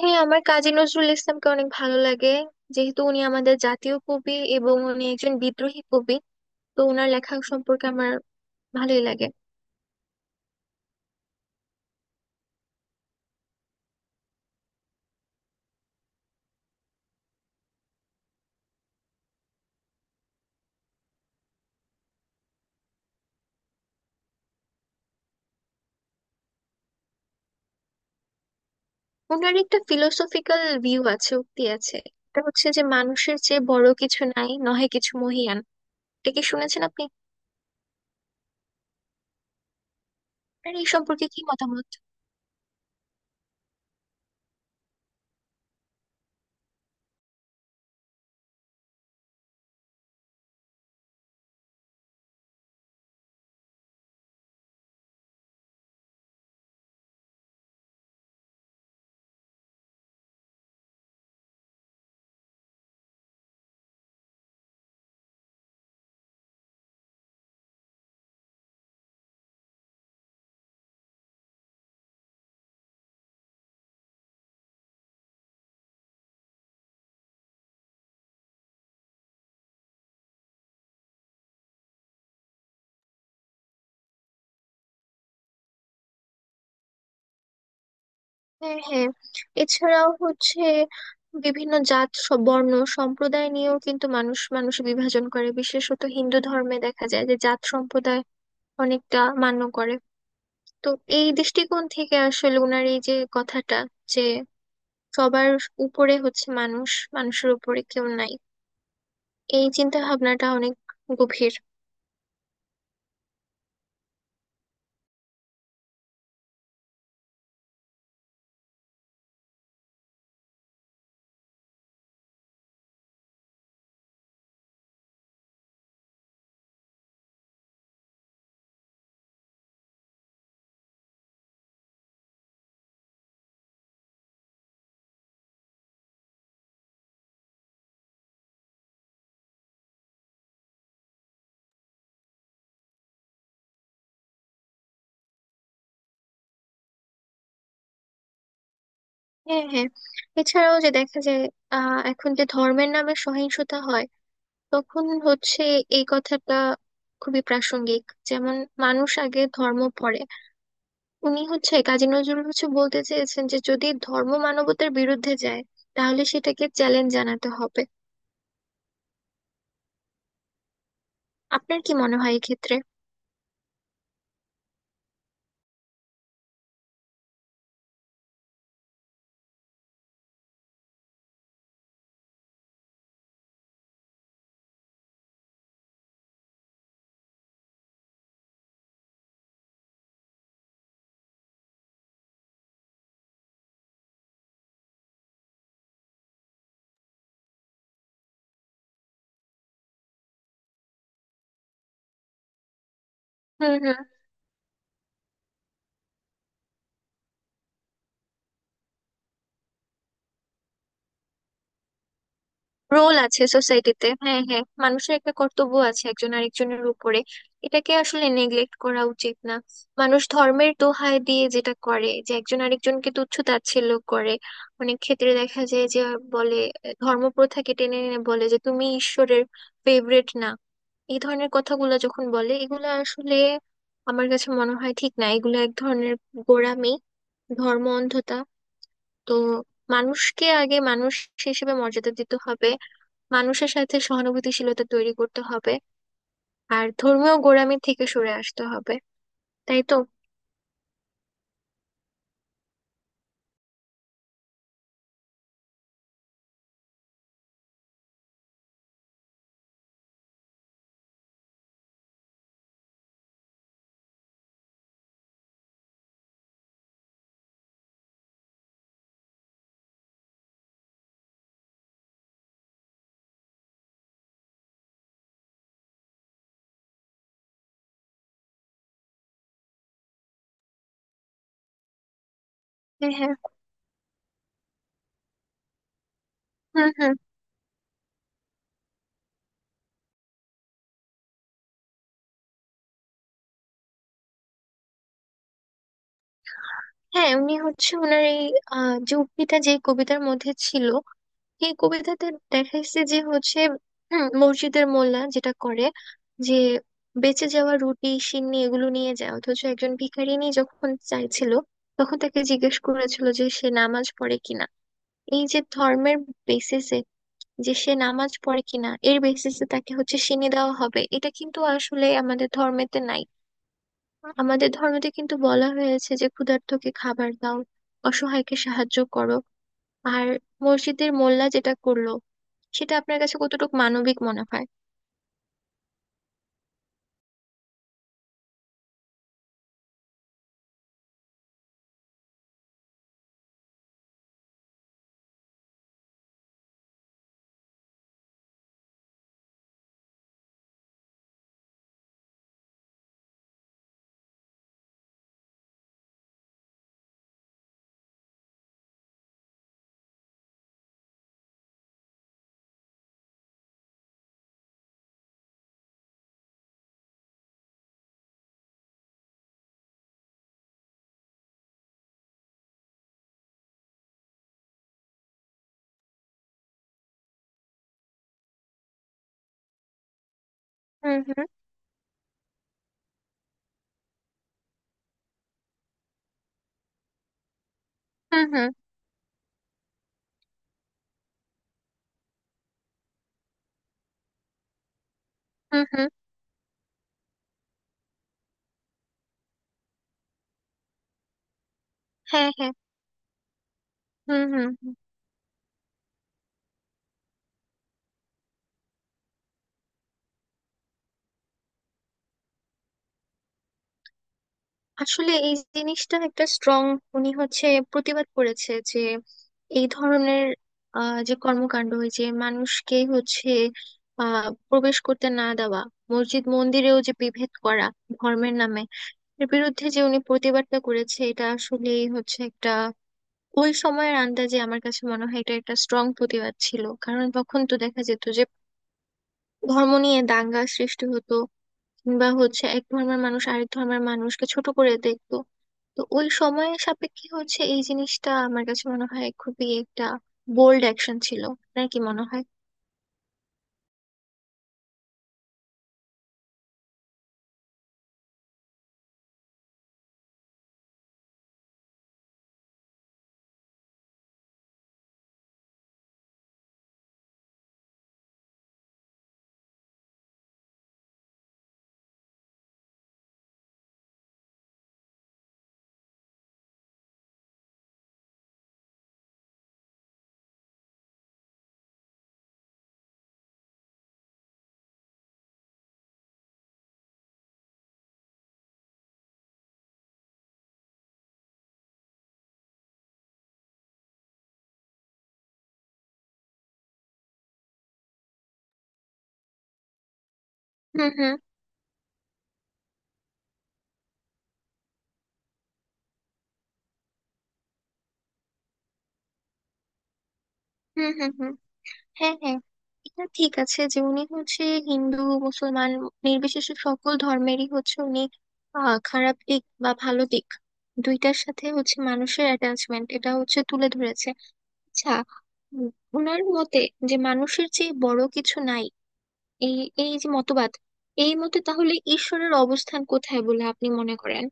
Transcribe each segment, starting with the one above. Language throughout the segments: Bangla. হ্যাঁ, আমার কাজী নজরুল ইসলামকে অনেক ভালো লাগে। যেহেতু উনি আমাদের জাতীয় কবি এবং উনি একজন বিদ্রোহী কবি, তো ওনার লেখা সম্পর্কে আমার ভালোই লাগে। ওনার একটা ফিলোসফিক্যাল ভিউ আছে, উক্তি আছে। এটা হচ্ছে যে, মানুষের চেয়ে বড় কিছু নাই, নহে কিছু মহিয়ান। এটা কি শুনেছেন আপনি? আপনার এই সম্পর্কে কি মতামত? হ্যাঁ হ্যাঁ, এছাড়াও হচ্ছে বিভিন্ন জাত বর্ণ সম্প্রদায় নিয়েও কিন্তু মানুষ মানুষ বিভাজন করে। বিশেষত হিন্দু ধর্মে দেখা যায় যে জাত সম্প্রদায় অনেকটা মান্য করে। তো এই দৃষ্টিকোণ থেকে আসলে ওনার এই যে কথাটা, যে সবার উপরে হচ্ছে মানুষ, মানুষের উপরে কেউ নাই, এই চিন্তা ভাবনাটা অনেক গভীর। হ্যাঁ হ্যাঁ, এছাড়াও যে দেখা যায় এখন যে ধর্মের নামে সহিংসতা হয়, তখন হচ্ছে এই কথাটা খুবই প্রাসঙ্গিক। যেমন, মানুষ আগে ধর্ম পড়ে। উনি হচ্ছে, কাজী নজরুল হচ্ছে বলতে চেয়েছেন যে, যদি ধর্ম মানবতার বিরুদ্ধে যায়, তাহলে সেটাকে চ্যালেঞ্জ জানাতে হবে। আপনার কি মনে হয় এক্ষেত্রে? হুম হুম। রোল আছে সোসাইটিতে। হ্যাঁ হ্যাঁ, মানুষের একটা কর্তব্য আছে একজন আরেকজনের উপরে। এটাকে আসলে নেগলেক্ট করা উচিত না। মানুষ ধর্মের দোহাই দিয়ে যেটা করে, যে একজন আরেকজনকে তুচ্ছ তাচ্ছিল্য করে, অনেক ক্ষেত্রে দেখা যায় যে বলে, ধর্ম প্রথাকে টেনে এনে বলে যে, তুমি ঈশ্বরের ফেভারিট না। এই ধরনের কথাগুলো যখন বলে, এগুলো আসলে আমার কাছে মনে হয় ঠিক না। এগুলো এক ধরনের গোঁড়ামি, ধর্ম অন্ধতা। তো মানুষকে আগে মানুষ হিসেবে মর্যাদা দিতে হবে, মানুষের সাথে সহানুভূতিশীলতা তৈরি করতে হবে, আর ধর্মীয় গোঁড়ামি থেকে সরে আসতে হবে। তাই তো? হ্যাঁ হ্যাঁ। হুম হুম। হ্যাঁ, উনি হচ্ছে ওনার এই যে উক্তিটা যে কবিতার মধ্যে ছিল, এই কবিতাতে দেখাইছে যে হচ্ছে, মসজিদের মোল্লা যেটা করে, যে বেঁচে যাওয়া রুটি সিন্নি এগুলো নিয়ে যায়, অথচ একজন ভিখারিনী যখন চাইছিল, তখন তাকে জিজ্ঞেস করেছিল যে সে নামাজ পড়ে কিনা। এই যে ধর্মের বেসিসে, যে সে নামাজ পড়ে কিনা, এর বেসিসে তাকে হচ্ছে শিনি দেওয়া হবে, এটা কিন্তু আসলে আমাদের ধর্মেতে নাই। আমাদের ধর্মেতে কিন্তু বলা হয়েছে যে, ক্ষুধার্তকে খাবার দাও, অসহায়কে সাহায্য করো। আর মসজিদের মোল্লা যেটা করলো, সেটা আপনার কাছে কতটুকু মানবিক মনে হয়? হুম হুম হুম। হুম হুম হুম। হ্যাঁ হ্যাঁ। হুম হুম হুম। আসলে এই জিনিসটা একটা স্ট্রং, উনি হচ্ছে প্রতিবাদ করেছে, যে এই ধরনের যে কর্মকাণ্ড, ওই যে মানুষকে হচ্ছে প্রবেশ করতে না দেওয়া, মসজিদ মন্দিরেও যে বিভেদ করা ধর্মের নামে, এর বিরুদ্ধে যে উনি প্রতিবাদটা করেছে, এটা আসলে হচ্ছে একটা, ওই সময়ের আন্দাজে আমার কাছে মনে হয় এটা একটা স্ট্রং প্রতিবাদ ছিল। কারণ তখন তো দেখা যেত যে ধর্ম নিয়ে দাঙ্গা সৃষ্টি হতো, কিংবা হচ্ছে এক ধর্মের মানুষ আরেক ধর্মের মানুষকে ছোট করে দেখতো। তো ওই সময়ের সাপেক্ষে হচ্ছে এই জিনিসটা আমার কাছে মনে হয় খুবই একটা বোল্ড অ্যাকশন ছিল। আপনার কি মনে হয়? হুম হুম হুম। হুম হুম। হ্যাঁ হ্যাঁ, এটা ঠিক আছে যে উনি হচ্ছে হিন্দু মুসলমান নির্বিশেষে সকল ধর্মেরই হচ্ছে উনি আহ খারাপ দিক বা ভালো দিক দুইটার সাথে হচ্ছে মানুষের অ্যাটাচমেন্ট এটা হচ্ছে তুলে ধরেছে। আচ্ছা, উম, ওনার মতে যে মানুষের চেয়ে বড় কিছু নাই, এই এই যে মতবাদ, এই মতে তাহলে ঈশ্বরের অবস্থান কোথায় বলে আপনি মনে করেন?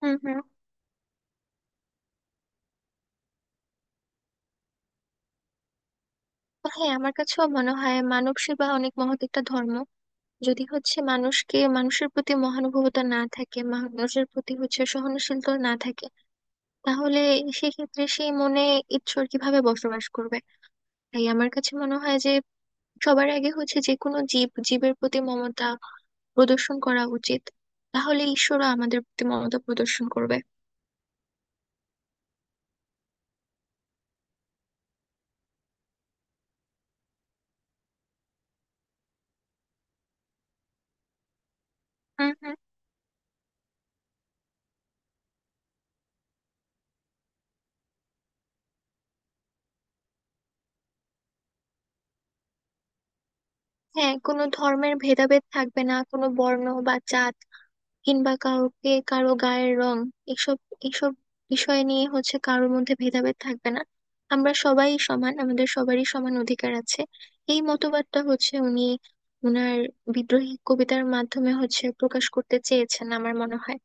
হুম হুম। হ্যাঁ, আমার কাছেও মনে হয় মানব সেবা অনেক মহৎ একটা ধর্ম। যদি হচ্ছে মানুষকে, মানুষের প্রতি মহানুভবতা না থাকে, মানুষের প্রতি হচ্ছে সহনশীলতা না থাকে, তাহলে সেক্ষেত্রে সেই মনে ঈশ্বর কিভাবে বসবাস করবে? তাই আমার কাছে মনে হয় যে, সবার আগে হচ্ছে যে কোনো জীব, জীবের প্রতি মমতা প্রদর্শন করা উচিত। তাহলে ঈশ্বরও আমাদের প্রতি মমতা প্রদর্শন করবে। হুম হুম। হ্যাঁ, কোনো ধর্মের ভেদাভেদ থাকবে না, কোনো বর্ণ বা জাত, কিংবা কাউকে কারো গায়ের রং, এসব এসব বিষয় নিয়ে হচ্ছে কারোর মধ্যে ভেদাভেদ থাকবে না। আমরা সবাই সমান, আমাদের সবারই সমান অধিকার আছে। এই মতবাদটা হচ্ছে উনি ওনার বিদ্রোহী কবিতার মাধ্যমে হচ্ছে প্রকাশ করতে চেয়েছেন আমার মনে হয়।